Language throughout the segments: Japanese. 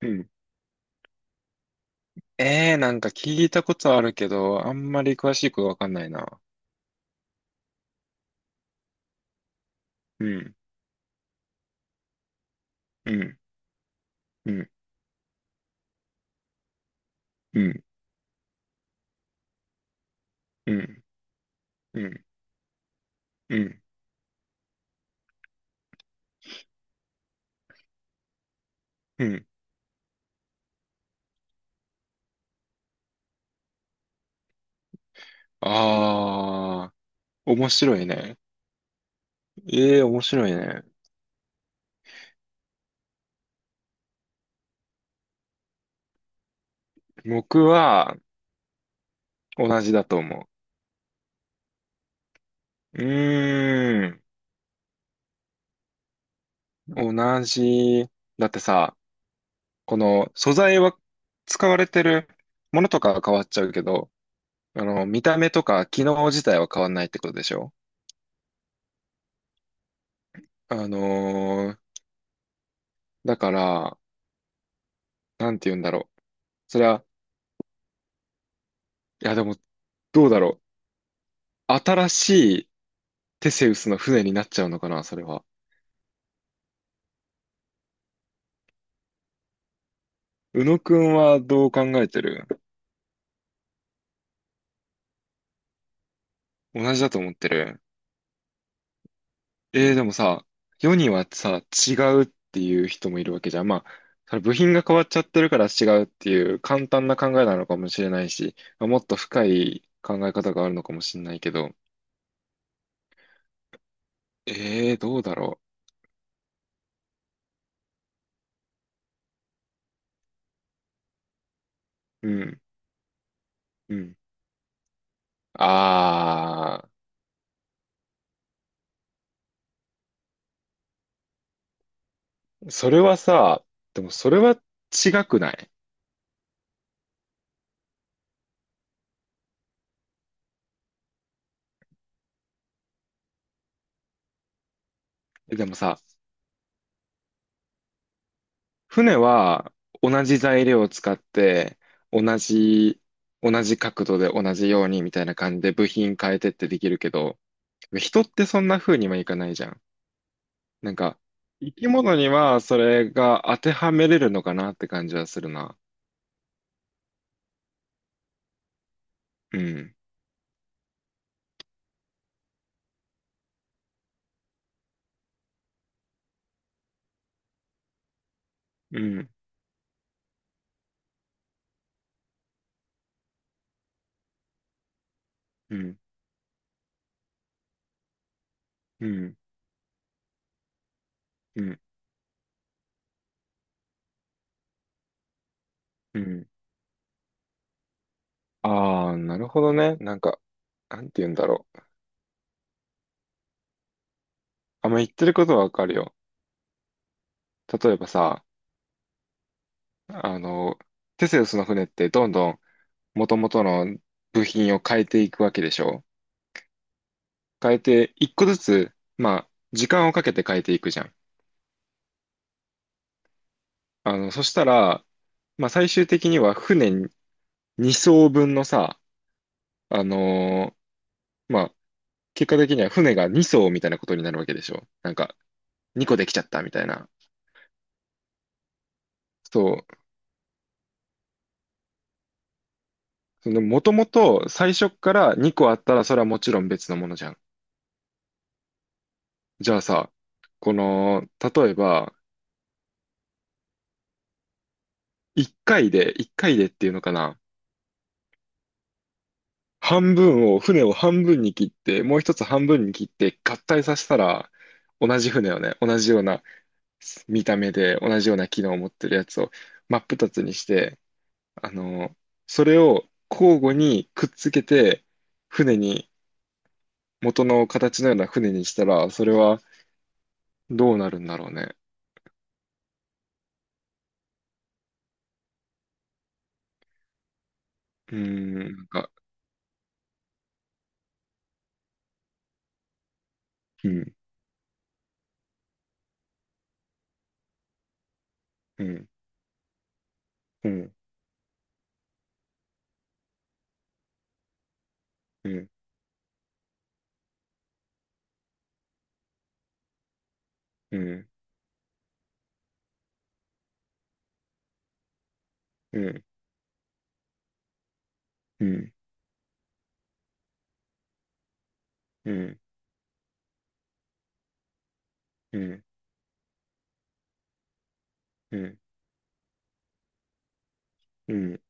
うん。ええー、なんか聞いたことあるけど、あんまり詳しいことわかんないな。うん、うん、うん、うん、うん、うん、うん、うん。あー、面白いね。ええー、面白いね。僕は同じだと思う。うーん、同じ。だってさ、この素材は使われてるものとかは変わっちゃうけど、見た目とか機能自体は変わんないってことでしょ？あのーだから、なんて言うんだろう。それは、いやでも、どうだろう。新しいテセウスの船になっちゃうのかな、それは。宇野くんはどう考えてる？同じだと思ってる。でもさ、世にはさ、違うっていう人もいるわけじゃん。まあ、それ部品が変わっちゃってるから違うっていう簡単な考えなのかもしれないし、まあもっと深い考え方があるのかもしれないけど、どうだろう。うん、うん。あー、それはさ、でもそれは違くない？えでもさ、船は同じ材料を使って同じ同じ角度で同じようにみたいな感じで部品変えてってできるけど人ってそんな風にはいかないじゃん。なんか生き物にはそれが当てはめれるのかなって感じはするな。うん。うん。うん。うん。うん。うん。ああ、なるほどね。なんか、なんて言うんだろう。あんま言ってることはわかるよ。例えばさ、あの、テセウスの船ってどんどん元々の部品を変えていくわけでしょ？変えて、一個ずつ、まあ、時間をかけて変えていくじゃん。そしたら、まあ、最終的には船2艘分のさ、あのまあ、結果的には船が2艘みたいなことになるわけでしょ？なんか、2個できちゃったみたいな。そう。その、もともと最初から2個あったら、それはもちろん別のものじゃん。じゃあさ、この、例えば、1回で、1回でっていうのかな？半分を、船を半分に切って、もう一つ半分に切って合体させたら、同じ船をね、同じような見た目で、同じような機能を持ってるやつを真っ二つにして、あの、それを交互にくっつけて、船に、元の形のような船にしたら、それはどうなるんだろうね。うーん、なんか、うん、うん、うん、うん、うん、うん、うん、うん、うん、うん、うん、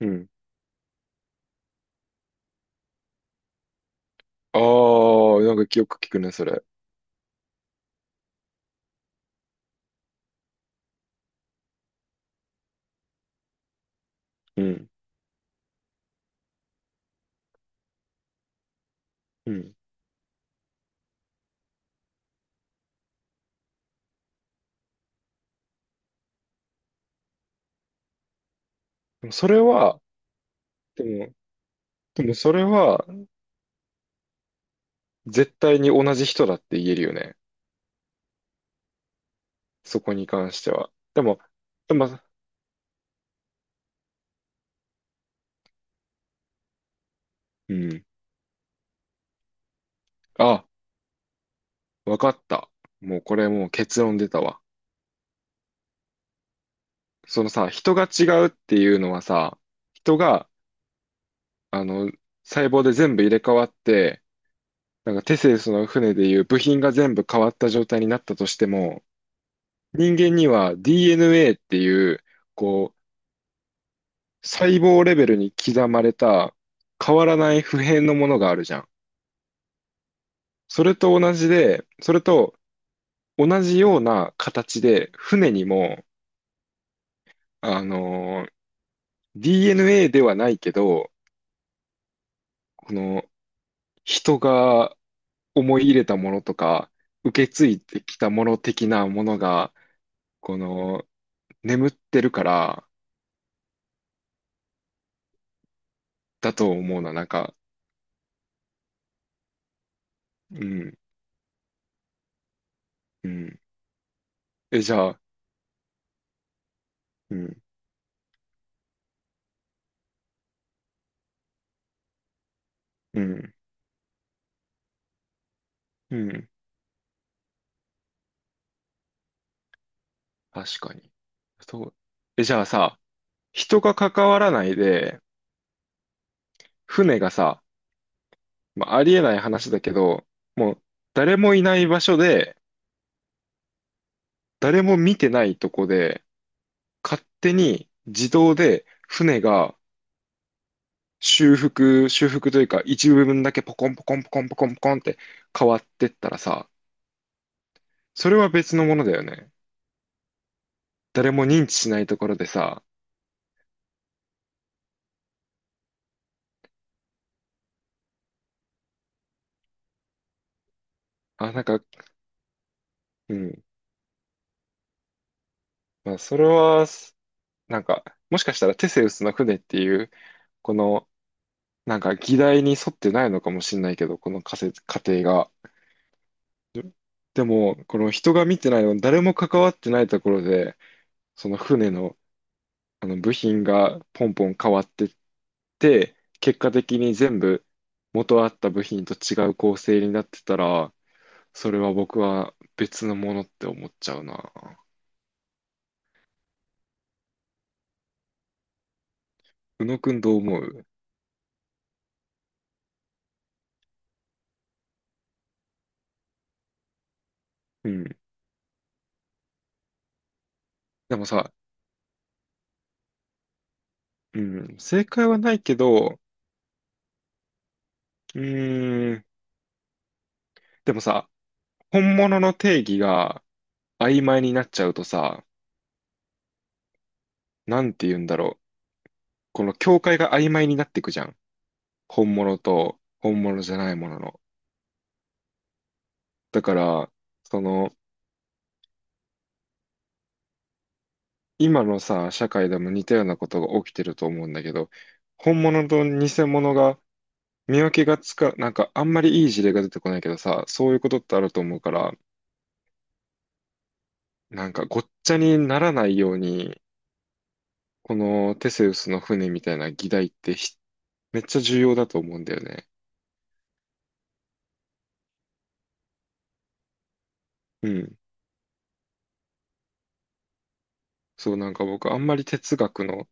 うん。ああ、なんかよく聞くね、それ。うん。うん。でもそれは、でも、でもそれは絶対に同じ人だって言えるよね。そこに関しては。でも、うん。あ、わかった。もうこれもう結論出たわ。そのさ、人が違うっていうのはさ、人が、あの、細胞で全部入れ替わって、なんかテセウスの船でいう部品が全部変わった状態になったとしても、人間には DNA っていう、こう、細胞レベルに刻まれた変わらない普遍のものがあるじゃん。それと同じで、それと同じような形で船にも、あのー DNA ではないけど、この人が思い入れたものとか、受け継いできたもの的なものが、この眠ってるからだと思うな、なんか、うん、うん。え、じゃあ、うん、うん、うん、確かに。そう。え、じゃあさ、人が関わらないで、船がさ、まあ、ありえない話だけど、もう誰もいない場所で、誰も見てないとこで、勝手に自動で船が修復、修復というか、一部分だけポコンポコンポコンポコンポコンって変わってったらさ、それは別のものだよね。誰も認知しないところでさ、あ、なんか、うん。まあ、それは、なんか、もしかしたらテセウスの船っていう、このなんか議題に沿ってないのかもしれないけど、この仮説、仮定が。ででも、この人が見てないの、誰も関わってないところで、その船の、あの部品がポンポン変わってって、結果的に全部元あった部品と違う構成になってたら、それは僕は別のものって思っちゃうな。宇野くんどう思う？うん。でもさ、うん、正解はないけど、うーん、でもさ、本物の定義が、曖昧になっちゃうとさ、なんて言うんだろう。この境界が曖昧になっていくじゃん。本物と本物じゃないものの。だから、その、今のさ、社会でも似たようなことが起きてると思うんだけど、本物と偽物が見分けがつか、なんかあんまりいい事例が出てこないけどさ、そういうことってあると思うから、なんかごっちゃにならないように、このテセウスの船みたいな議題ってめっちゃ重要だと思うんだよね。うん。そう、なんか僕あんまり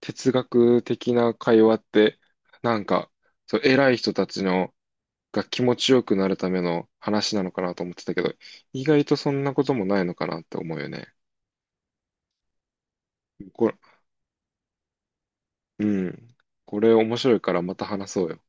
哲学的な会話って、なんか、そう、偉い人たちのが気持ちよくなるための話なのかなと思ってたけど、意外とそんなこともないのかなって思うよね。これ、うん。これ面白いからまた話そうよ。